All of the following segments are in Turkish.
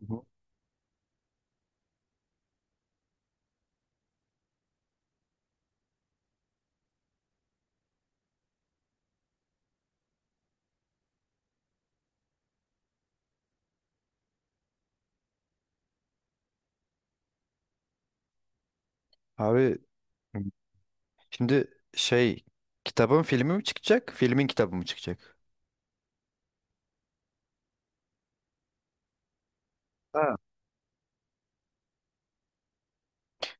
Hı hı. Abi şimdi şey kitabın filmi mi çıkacak? Filmin kitabı mı çıkacak? Ha.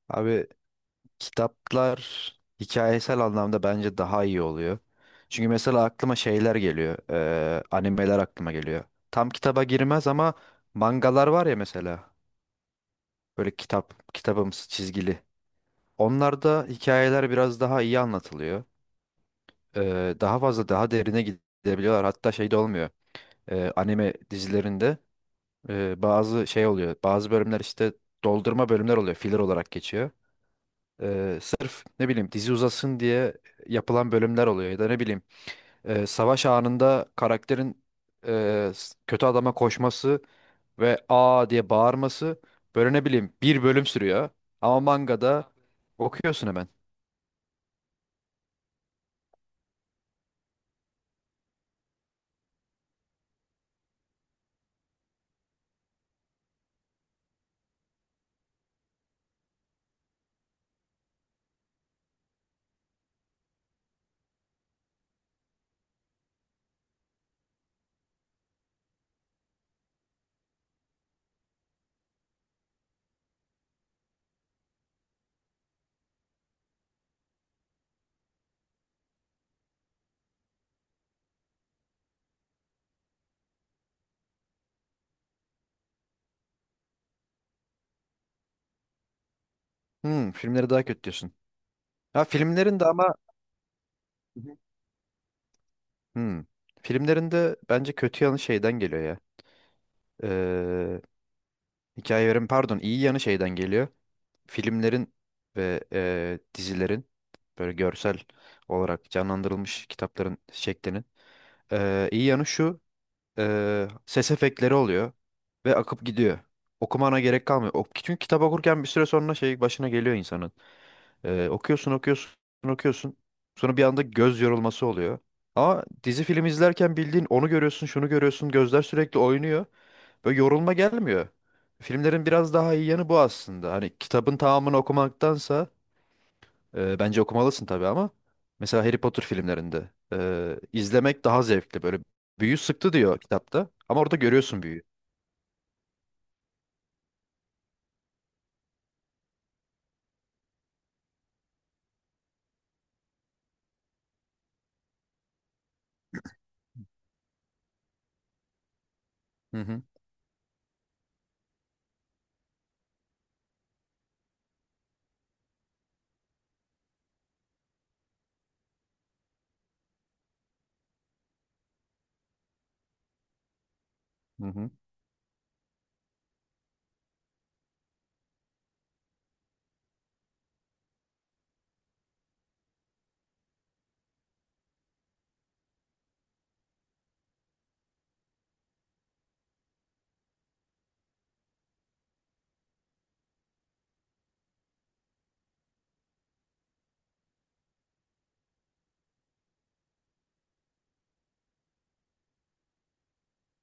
Abi kitaplar hikayesel anlamda bence daha iyi oluyor. Çünkü mesela aklıma şeyler geliyor. Animeler aklıma geliyor. Tam kitaba girmez ama mangalar var ya mesela. Böyle kitap, kitabımsı çizgili. Onlarda hikayeler biraz daha iyi anlatılıyor. Daha fazla daha derine gidebiliyorlar. Hatta şey de olmuyor. Anime dizilerinde bazı şey oluyor. Bazı bölümler işte doldurma bölümler oluyor. Filler olarak geçiyor. Sırf ne bileyim dizi uzasın diye yapılan bölümler oluyor. Ya da ne bileyim savaş anında karakterin kötü adama koşması ve aa diye bağırması böyle ne bileyim bir bölüm sürüyor. Ama mangada okuyorsun hemen. Hmm, filmleri daha kötü diyorsun. Ha, filmlerin de ama hmm, filmlerin de bence kötü yanı şeyden geliyor ya. Ee, Hikayelerin pardon iyi yanı şeyden geliyor. Filmlerin ve dizilerin böyle görsel olarak canlandırılmış kitapların şeklinin iyi yanı şu: ses efektleri oluyor ve akıp gidiyor. Okumana gerek kalmıyor. O, çünkü kitap okurken bir süre sonra şey başına geliyor insanın. Okuyorsun okuyorsun. Sonra bir anda göz yorulması oluyor. Ama dizi film izlerken bildiğin onu görüyorsun, şunu görüyorsun, gözler sürekli oynuyor. Böyle yorulma gelmiyor. Filmlerin biraz daha iyi yanı bu aslında. Hani kitabın tamamını okumaktansa bence okumalısın tabii ama mesela Harry Potter filmlerinde izlemek daha zevkli. Böyle büyü sıktı diyor kitapta ama orada görüyorsun büyüyü. Hı hı. Hı hı.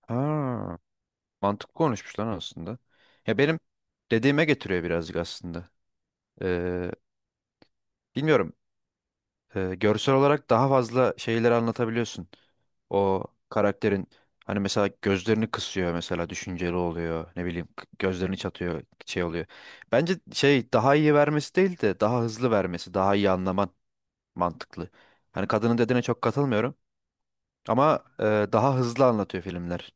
Ha, mantıklı konuşmuş lan aslında. Ya benim dediğime getiriyor birazcık aslında. Ee, bilmiyorum. Görsel olarak daha fazla şeyleri anlatabiliyorsun. O karakterin hani mesela gözlerini kısıyor mesela düşünceli oluyor. Ne bileyim gözlerini çatıyor şey oluyor. Bence şey daha iyi vermesi değil de daha hızlı vermesi, daha iyi anlaman mantıklı. Hani kadının dediğine çok katılmıyorum ama daha hızlı anlatıyor filmler.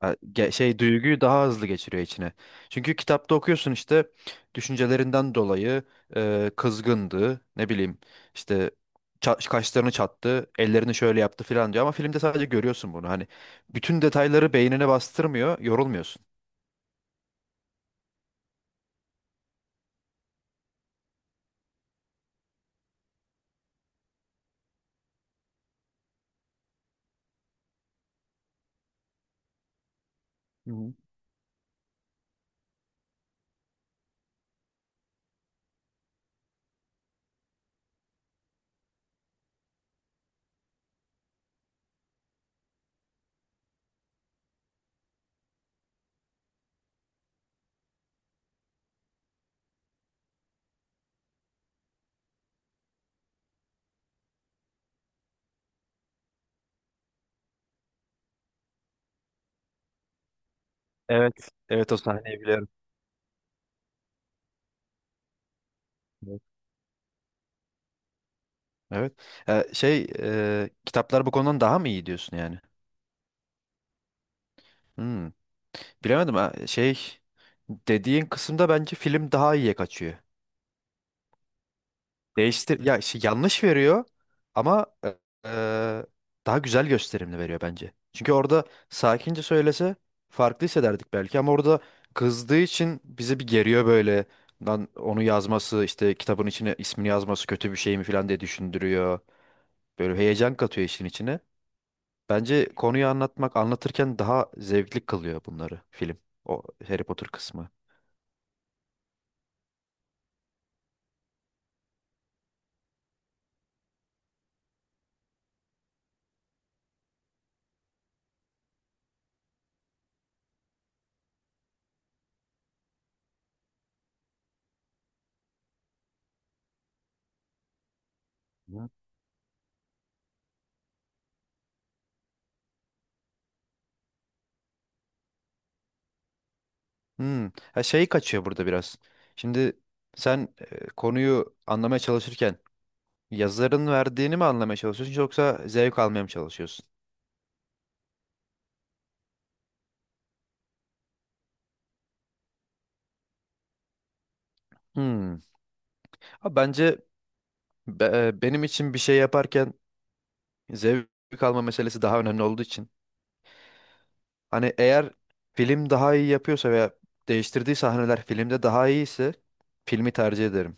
Ha, şey duyguyu daha hızlı geçiriyor içine. Çünkü kitapta okuyorsun işte düşüncelerinden dolayı kızgındı, ne bileyim işte kaşlarını çattı, ellerini şöyle yaptı falan diyor ama filmde sadece görüyorsun bunu. Hani bütün detayları beynine bastırmıyor, yorulmuyorsun. Hı hı. Evet. Evet, o sahneyi biliyorum. Evet. Evet. Ha, şey kitaplar bu konudan daha mı iyi diyorsun yani? Hmm, bilemedim ha. Şey dediğin kısımda bence film daha iyiye kaçıyor. Değiştir ya şey, yanlış veriyor ama e, daha güzel gösterimli veriyor bence. Çünkü orada sakince söylese farklı hissederdik belki ama orada kızdığı için bizi bir geriyor böyle. Lan onu yazması işte kitabın içine ismini yazması kötü bir şey mi falan diye düşündürüyor. Böyle heyecan katıyor işin içine. Bence konuyu anlatmak anlatırken daha zevkli kılıyor bunları film. O Harry Potter kısmı. Hmm. Ha, şey kaçıyor burada biraz. Şimdi sen konuyu anlamaya çalışırken yazarın verdiğini mi anlamaya çalışıyorsun yoksa zevk almaya mı çalışıyorsun? Hmm. Ha, bence benim için bir şey yaparken zevk alma meselesi daha önemli olduğu için. Hani eğer film daha iyi yapıyorsa veya değiştirdiği sahneler filmde daha iyiyse filmi tercih ederim.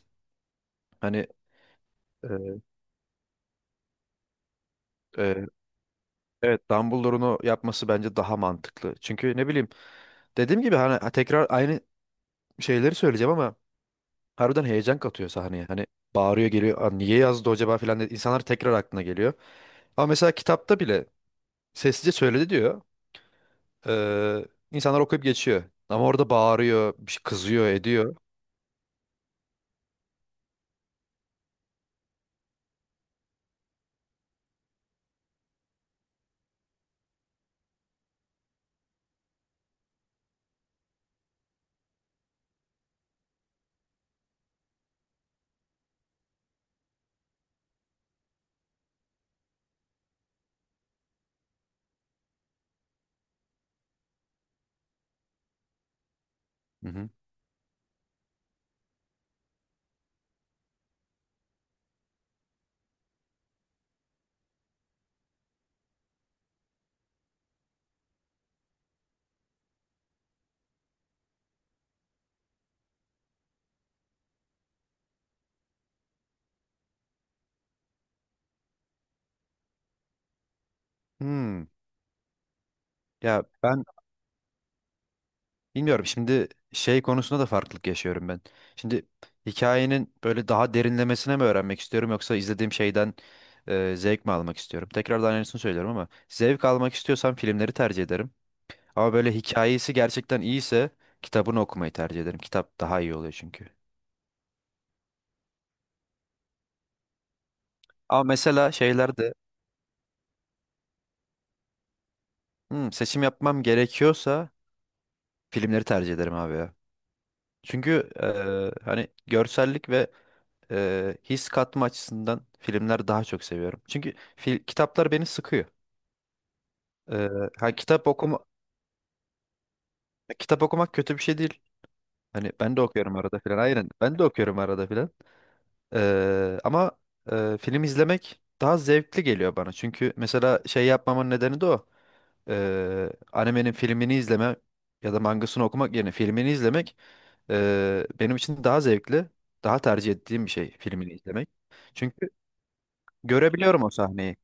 Hani e, e, evet, Dumbledore'un o yapması bence daha mantıklı. Çünkü ne bileyim dediğim gibi hani tekrar aynı şeyleri söyleyeceğim ama harbiden heyecan katıyor sahneye. Hani bağırıyor geliyor. "Aa, niye yazdı acaba" filan dedi. İnsanlar tekrar aklına geliyor. Ama mesela kitapta bile sessizce söyledi diyor. Ee, insanlar okuyup geçiyor. Ama orada bağırıyor, bir şey kızıyor, ediyor. Hı hı. Hmm. Ya ben bilmiyorum. Şimdi şey konusunda da farklılık yaşıyorum ben. Şimdi hikayenin böyle daha derinlemesine mi öğrenmek istiyorum yoksa izlediğim şeyden zevk mi almak istiyorum? Tekrardan aynısını söylüyorum ama zevk almak istiyorsam filmleri tercih ederim. Ama böyle hikayesi gerçekten iyiyse kitabını okumayı tercih ederim. Kitap daha iyi oluyor çünkü. Ama mesela şeylerde hmm, seçim yapmam gerekiyorsa filmleri tercih ederim abi ya. Çünkü hani görsellik ve his katma açısından filmler daha çok seviyorum. Çünkü fil, kitaplar beni sıkıyor. E, ha, kitap okumak kötü bir şey değil. Hani ben de okuyorum arada filan. Aynen ben de okuyorum arada filan. Ama film izlemek daha zevkli geliyor bana. Çünkü mesela şey yapmamın nedeni de o. Animenin filmini izleme ya da mangasını okumak yerine filmini izlemek benim için daha zevkli, daha tercih ettiğim bir şey filmini izlemek. Çünkü görebiliyorum o sahneyi.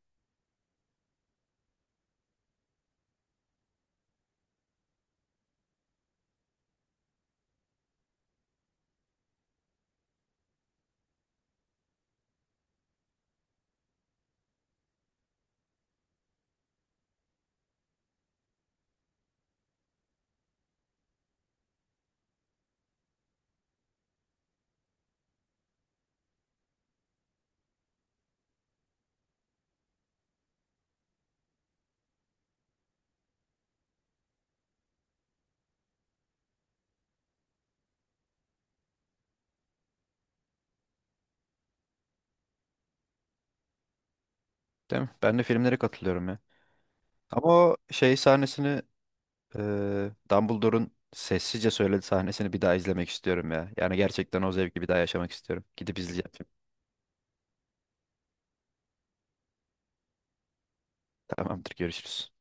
Değil mi? Ben de filmlere katılıyorum ya. Ama o şey sahnesini Dumbledore'un sessizce söylediği sahnesini bir daha izlemek istiyorum ya. Yani gerçekten o zevki bir daha yaşamak istiyorum. Gidip izleyeceğim film. Tamamdır, görüşürüz.